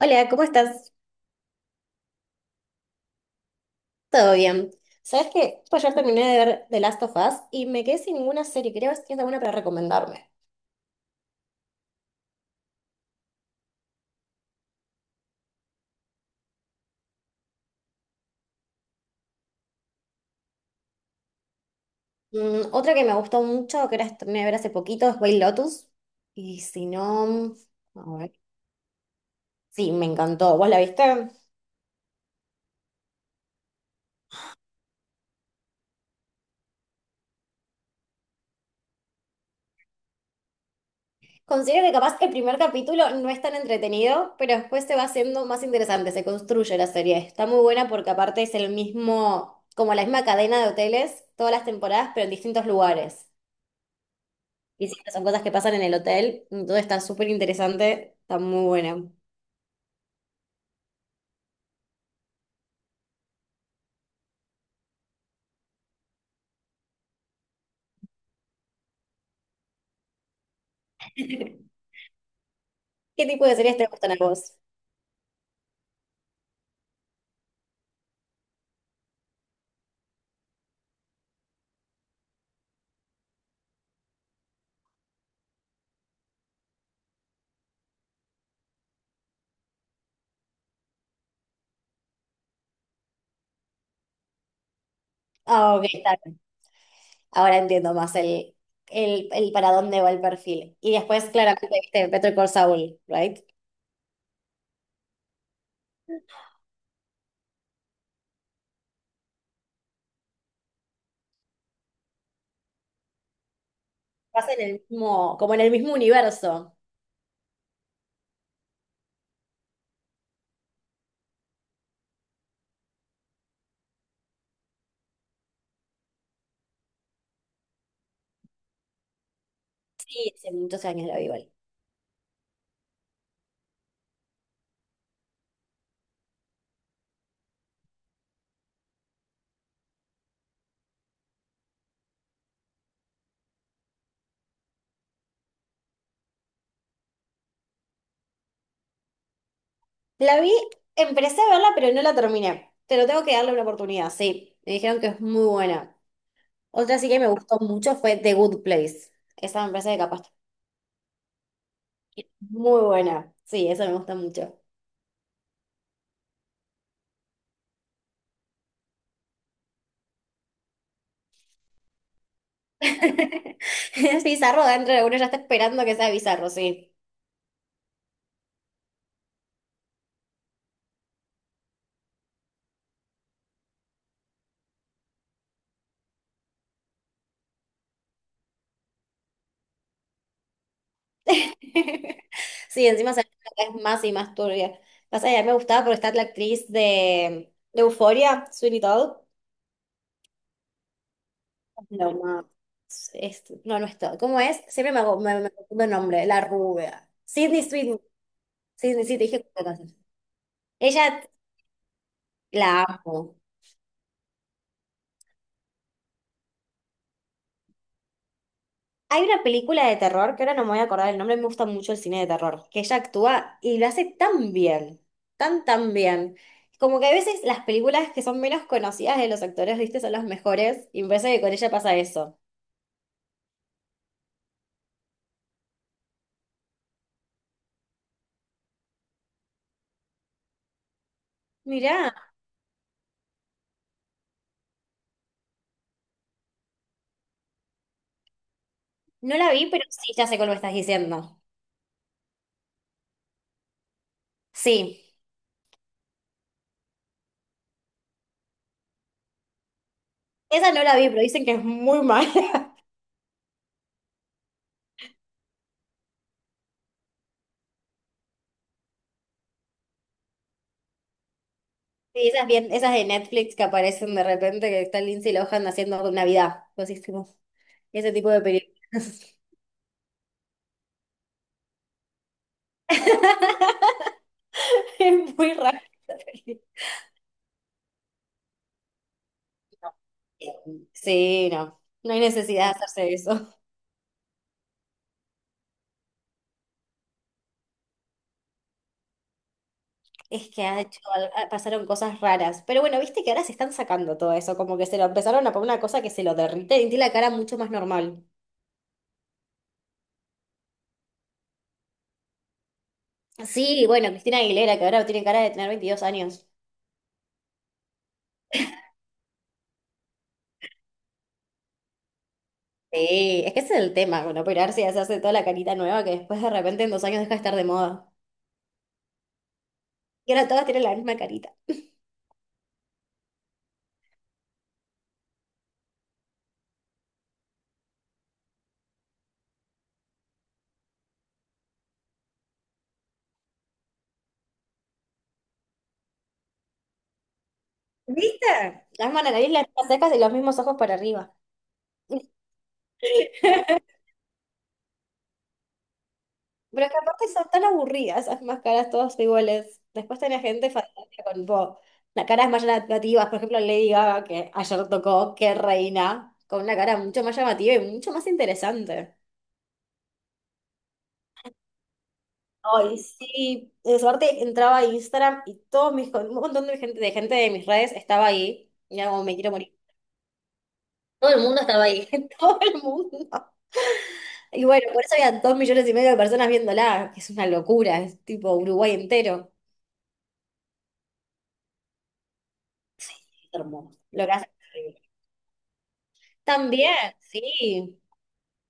Hola, ¿cómo estás? ¿Todo bien? ¿Sabes qué? Pues ayer terminé de ver The Last of Us y me quedé sin ninguna serie. Creo que tienes alguna para recomendarme. Otra que me gustó mucho, que era, terminé de ver hace poquito, es White Lotus. Y si no. A ver. Sí, me encantó. ¿Vos la viste? Considero que capaz el primer capítulo no es tan entretenido, pero después se va haciendo más interesante, se construye la serie. Está muy buena porque aparte es el mismo, como la misma cadena de hoteles, todas las temporadas, pero en distintos lugares. Y sí, son cosas que pasan en el hotel, entonces está súper interesante, está muy buena. ¿Qué tipo de series te gustan a vos? Ah, ok, está bien. Ahora entiendo más el, para dónde va el perfil. Y después, claramente, viste Better Call Saul, ¿right? Pasa en el mismo, como en el mismo universo. Sí, hace muchos años la vi igual. La vi, empecé a verla, pero no la terminé. Pero tengo que darle una oportunidad, sí. Me dijeron que es muy buena. Otra sí que me gustó mucho fue The Good Place. Esa me parece que capaz. Muy buena. Sí, eso me gusta mucho. Es bizarro dentro de uno, ya está esperando que sea bizarro, sí. Sí, encima se es más y más turbia. Pasa que a mí me gustaba porque está la actriz de Euphoria, Sweeney Todd. No, no, no, no es Todd. ¿Cómo es? Siempre me confundo el nombre, la rubia. Sidney Sweeney. Sidney, sí, te dije cuántas cosas. Ella la amo. Hay una película de terror, que ahora no me voy a acordar el nombre, me gusta mucho el cine de terror, que ella actúa y lo hace tan bien, tan, tan bien. Como que a veces las películas que son menos conocidas de los actores, viste, son las mejores, y me parece que con ella pasa eso. Mirá, no la vi, pero sí, ya sé cómo me estás diciendo. Sí, esa no la vi, pero dicen que es muy mala. Sí, esas bien, esas de Netflix que aparecen de repente, que está Lindsay Lohan haciendo Navidad, cosas así, como ese tipo de películas. Es muy raro. Sí, no, no hay necesidad de hacerse eso. Es que ha hecho, pasaron cosas raras. Pero bueno, viste que ahora se están sacando todo eso, como que se lo empezaron a poner una cosa que se lo derrite y tiene la cara mucho más normal. Sí, bueno, Cristina Aguilera, que ahora tiene cara de tener 22 años. Sí, es que ese es el tema, con operarse y hacerse toda la carita nueva que después de repente en 2 años deja de estar de moda. Y ahora todas tienen la misma carita. ¿Viste? Las nariz, las mismas cejas y los mismos ojos para arriba. Pero es que aparte son tan aburridas esas máscaras todas iguales. Después tenía gente fantástica con tipo, las caras más llamativas. Por ejemplo, Lady Gaga, que ayer tocó, que reina, con una cara mucho más llamativa y mucho más interesante. Ay, sí, de suerte entraba a Instagram y todos un montón de gente de mis redes estaba ahí. Y era como, me quiero morir. Todo el mundo estaba ahí, todo el mundo. Y bueno, por eso había 2,5 millones de personas viéndola, que es una locura, es tipo Uruguay entero. Es hermoso lo que hace. También, sí.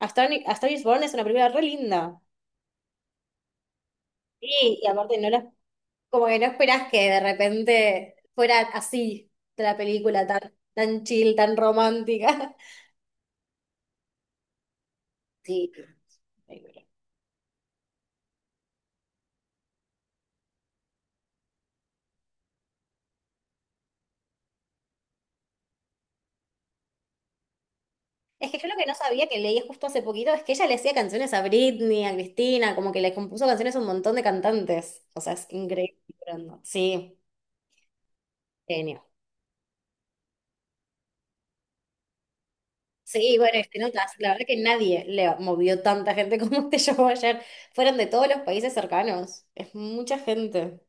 A Star is Born es una película re linda. Sí, y aparte no la, como que no esperás que de repente fuera así de la película tan, tan chill, tan romántica. Sí. Es que yo lo que no sabía, que leí justo hace poquito, es que ella le hacía canciones a Britney, a Cristina, como que le compuso canciones a un montón de cantantes. O sea, es increíble. Sí, genio. Sí, bueno, y te notas, la verdad que nadie le movió tanta gente como este show ayer. Fueron de todos los países cercanos. Es mucha gente.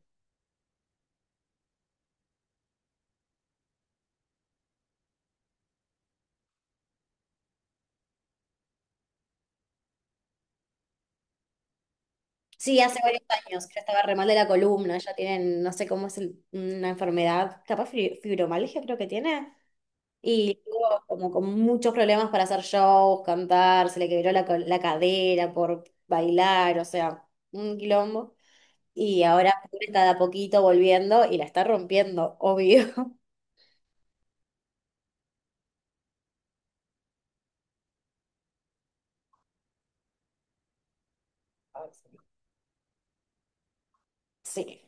Sí, hace varios años que estaba re mal de la columna, ya tienen, no sé cómo es una enfermedad, capaz fibromialgia creo que tiene. Y estuvo como con muchos problemas para hacer shows, cantar, se le quebró la cadera por bailar, o sea, un quilombo. Y ahora está de a poquito volviendo y la está rompiendo, obvio. Sí.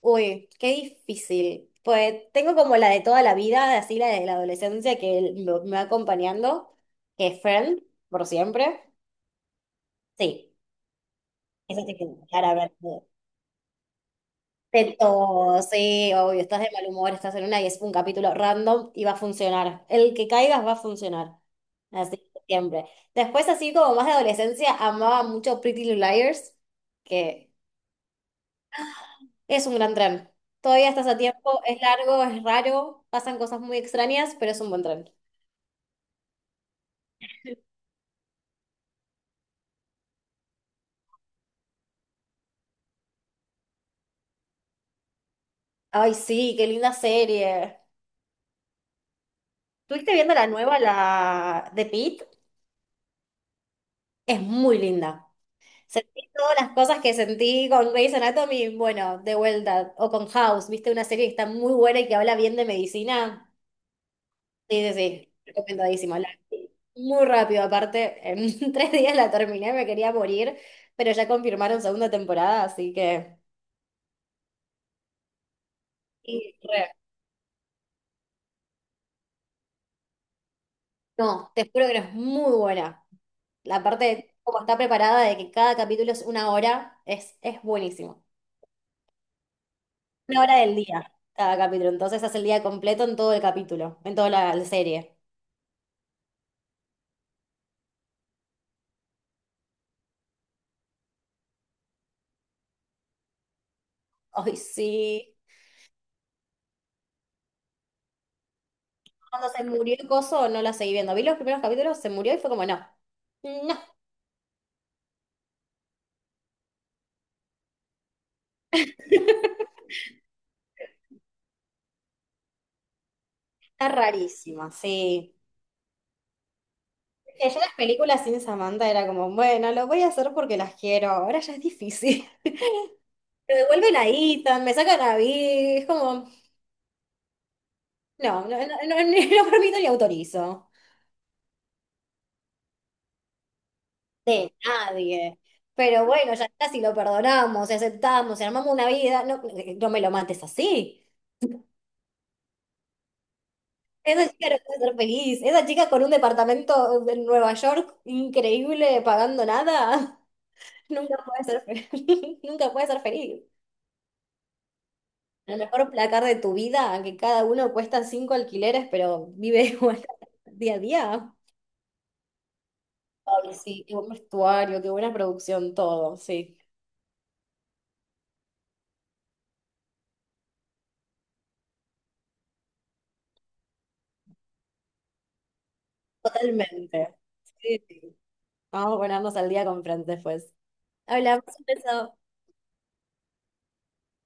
Uy, qué difícil. Pues tengo como la de toda la vida, así la de la adolescencia que me va acompañando, que es Friend, por siempre. Sí, eso te queda para ver. De todo, sí, obvio, estás de mal humor, estás en una y es un capítulo random y va a funcionar. El que caigas va a funcionar. Así que siempre. Después, así como más de adolescencia, amaba mucho Pretty Little Liars, que es un gran tren. Todavía estás a tiempo, es largo, es raro, pasan cosas muy extrañas, pero es un buen tren. Ay, sí, qué linda serie. ¿Estuviste viendo la nueva, la de Pete? Es muy linda. Sentí todas las cosas que sentí con Grey's Anatomy, bueno, de vuelta, o con House, ¿viste? Una serie que está muy buena y que habla bien de medicina. Sí, sí, sí, recomendadísima. La vi muy rápido, aparte, en 3 días la terminé, me quería morir, pero ya confirmaron segunda temporada, así que, y re. No, te juro que no es muy buena. La parte de cómo está preparada, de que cada capítulo es una hora, es buenísimo. Una hora del día, cada capítulo. Entonces hace el día completo en todo el capítulo, en toda la serie. Ay, sí. Cuando se murió el coso, no la seguí viendo. Vi los primeros capítulos, se murió y fue como, no. No. Está rarísima, sí. Que yo las películas sin Samantha era como, bueno, lo voy a hacer porque las quiero, ahora ya es difícil. Me devuelven a Ethan, me sacan a Big, es como, no, no, no, no, no permito ni autorizo. De nadie. Pero bueno, ya está, si lo perdonamos, si aceptamos, si armamos una vida, no, no me lo mates así. Esa chica no puede ser feliz, esa chica con un departamento en Nueva York increíble, pagando nada, nunca puede ser feliz. Nunca puede ser feliz. A lo mejor placar de tu vida, que cada uno cuesta cinco alquileres, pero vive igual día a día. Ay, sí, qué buen vestuario, qué buena producción, todo, sí. Totalmente. Sí, sí. Vamos a ponernos al día con Fran después. Hablamos de eso.